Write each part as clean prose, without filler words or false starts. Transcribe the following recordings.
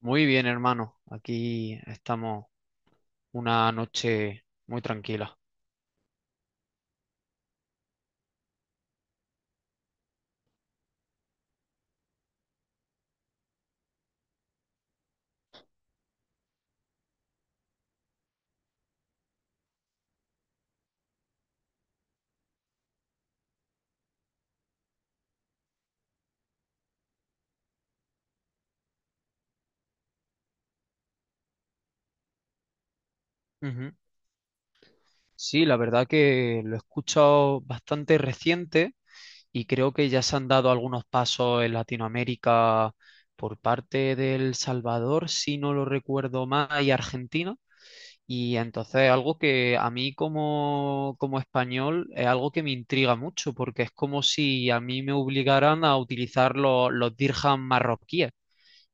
Muy bien, hermano. Aquí estamos una noche muy tranquila. Ujú. Sí, la verdad que lo he escuchado bastante reciente y creo que ya se han dado algunos pasos en Latinoamérica por parte del Salvador, si no lo recuerdo mal, y Argentina. Y entonces algo que a mí como español es algo que me intriga mucho porque es como si a mí me obligaran a utilizar los dirhams marroquíes.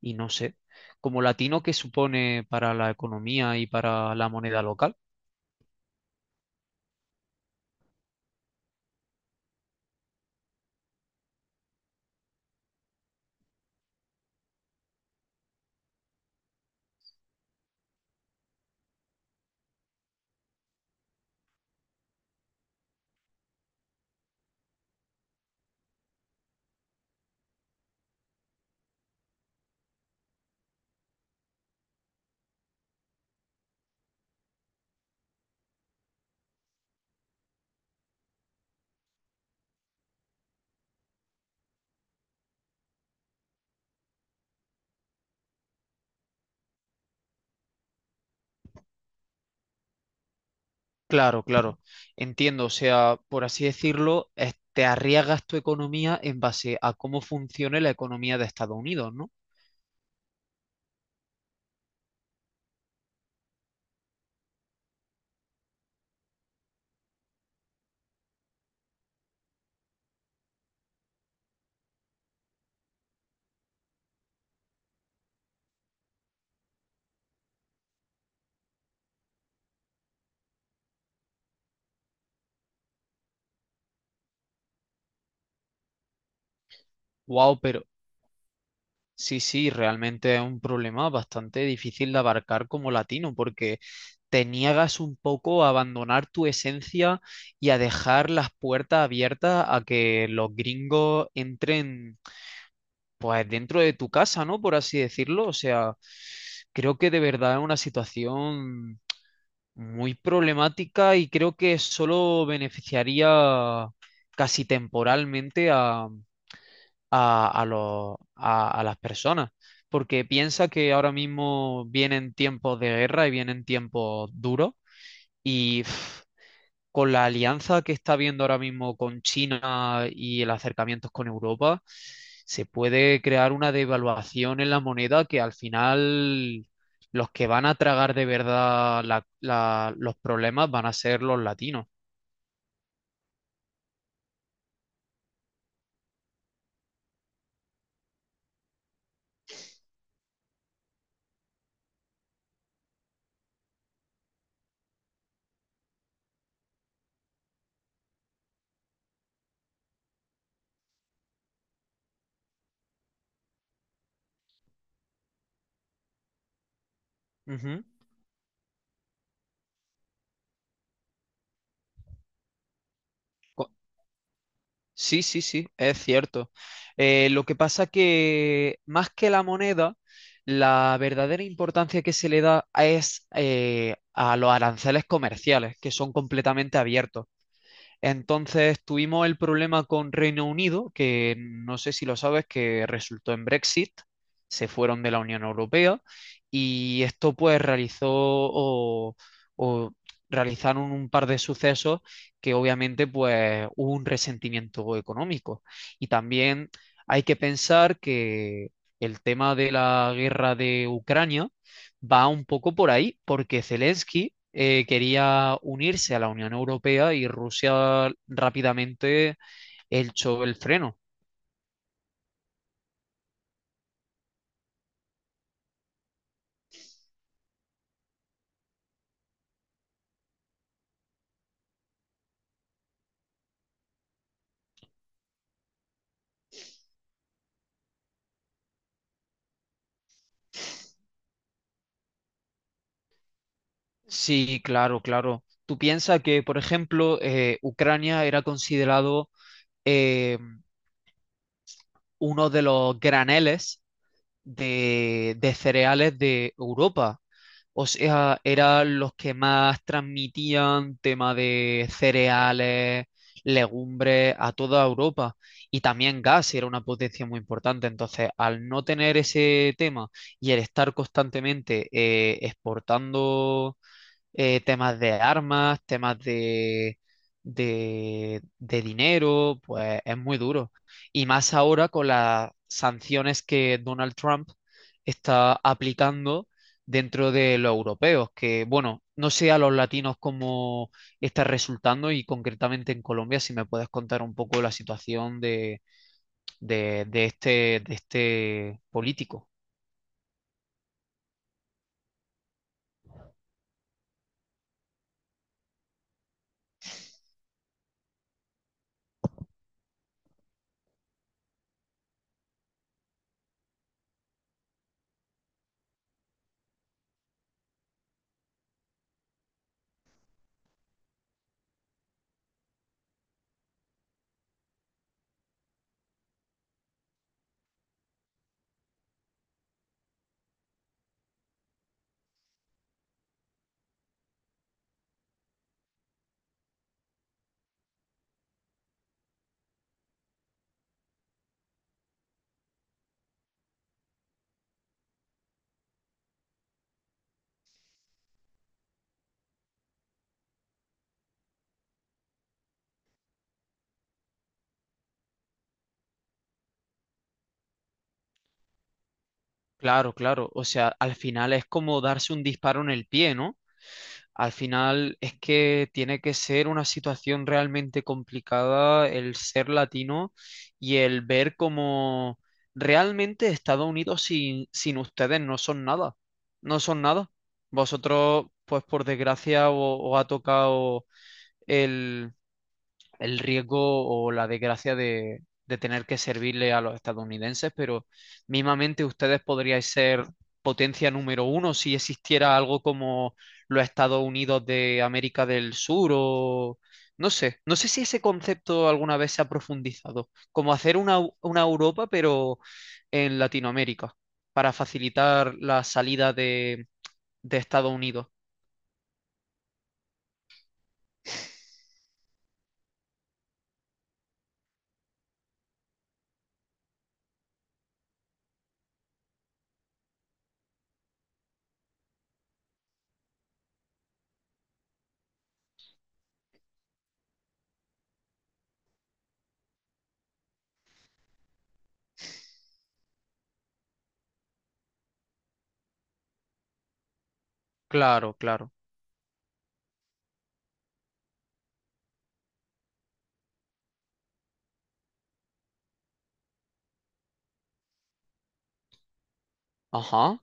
Y no sé, como latino, ¿qué supone para la economía y para la moneda local? Claro, claro, entiendo. O sea, por así decirlo, te arriesgas tu economía en base a cómo funcione la economía de Estados Unidos, ¿no? Wow, pero sí, sí, realmente es un problema bastante difícil de abarcar como latino, porque te niegas un poco a abandonar tu esencia y a dejar las puertas abiertas a que los gringos entren pues dentro de tu casa, ¿no? Por así decirlo. O sea, creo que de verdad es una situación muy problemática y creo que solo beneficiaría casi temporalmente a las personas. Porque piensa que ahora mismo vienen tiempos de guerra y vienen tiempos duros y con la alianza que está habiendo ahora mismo con China y el acercamiento con Europa, se puede crear una devaluación en la moneda que al final los que van a tragar de verdad los problemas van a ser los latinos. Ujú. Co- Sí, sí, sí, es cierto. Lo que pasa que más que la moneda, la verdadera importancia que se le da es a los aranceles comerciales, que son completamente abiertos. Entonces tuvimos el problema con Reino Unido, que no sé si lo sabes, que resultó en Brexit, se fueron de la Unión Europea y esto pues realizó o realizaron un par de sucesos que obviamente pues hubo un resentimiento económico. Y también hay que pensar que el tema de la guerra de Ucrania va un poco por ahí, porque Zelensky quería unirse a la Unión Europea y Rusia rápidamente echó el freno. Sí, claro, claro. Tú piensas que, por ejemplo, Ucrania era considerado eh, uno de los graneles de cereales de Europa. O sea, eran los que más transmitían tema de cereales, legumbres a toda Europa. Y también gas era una potencia muy importante. Entonces, al no tener ese tema y el estar constantemente exportando temas de armas, de dinero, pues es muy duro. Y más ahora con las sanciones que Donald Trump está aplicando dentro de los europeos, que bueno, no sé a los latinos cómo está resultando y concretamente en Colombia, si me puedes contar un poco la situación de, de este, de este político. Claro, claro. O sea, al final es como darse un disparo en el pie, ¿no? Al final es que tiene que ser una situación realmente complicada el ser latino y el ver cómo realmente Estados Unidos sin ustedes no son nada, no son nada. Vosotros, pues por desgracia, os ha tocado el riesgo o la desgracia de tener que servirle a los estadounidenses, pero mismamente ustedes podríais ser potencia número uno si existiera algo como los Estados Unidos de América del Sur o no sé, no sé si ese concepto alguna vez se ha profundizado, como hacer una, una Europa pero en Latinoamérica para facilitar la salida de Estados Unidos. Claro, claro. Ajá.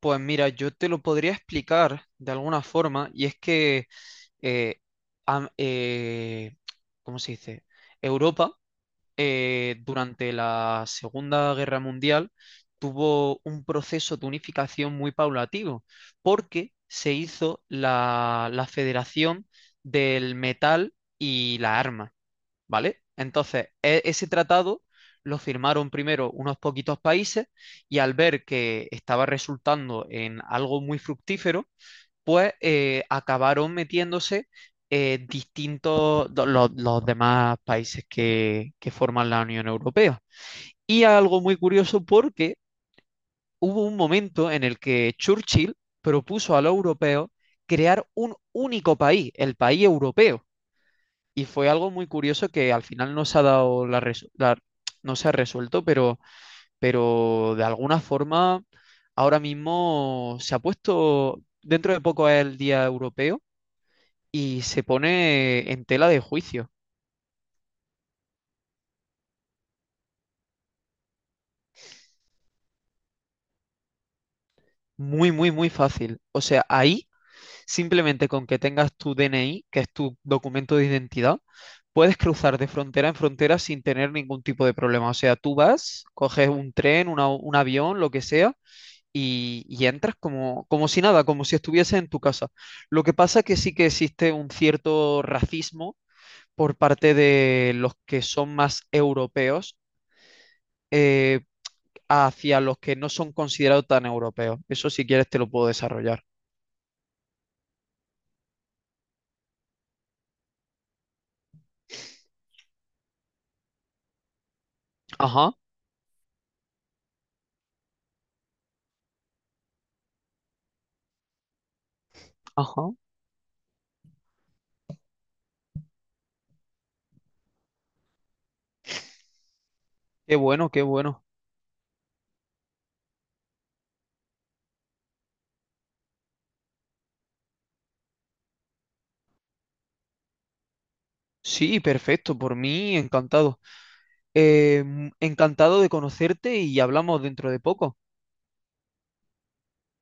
Pues mira, yo te lo podría explicar de alguna forma, y es que, eh, am- eh, ¿cómo se dice? Europa, durante la Segunda Guerra Mundial, tuvo un proceso de unificación muy paulatino, porque se hizo la Federación del Metal y la Arma. ¿Vale? Entonces, ese tratado lo firmaron primero unos poquitos países y al ver que estaba resultando en algo muy fructífero, pues acabaron metiéndose distintos, los demás países que forman la Unión Europea. Y algo muy curioso porque hubo un momento en el que Churchill propuso a los europeos crear un único país, el país europeo. Y fue algo muy curioso que al final no se ha dado no se ha resuelto, pero de alguna forma ahora mismo se ha puesto, dentro de poco es el Día Europeo y se pone en tela de juicio. Muy, muy, muy fácil. O sea, ahí simplemente con que tengas tu DNI, que es tu documento de identidad, puedes cruzar de frontera en frontera sin tener ningún tipo de problema. O sea, tú vas, coges un tren, un avión, lo que sea y entras como, como si nada, como si estuvieses en tu casa. Lo que pasa que sí que existe un cierto racismo por parte de los que son más europeos eh, hacia los que no son considerados tan europeos. Eso si quieres te lo puedo desarrollar. Ajá, ajá. Qué bueno, qué bueno. Sí, perfecto, por mí encantado. Eh, Encantado de conocerte y hablamos dentro de poco.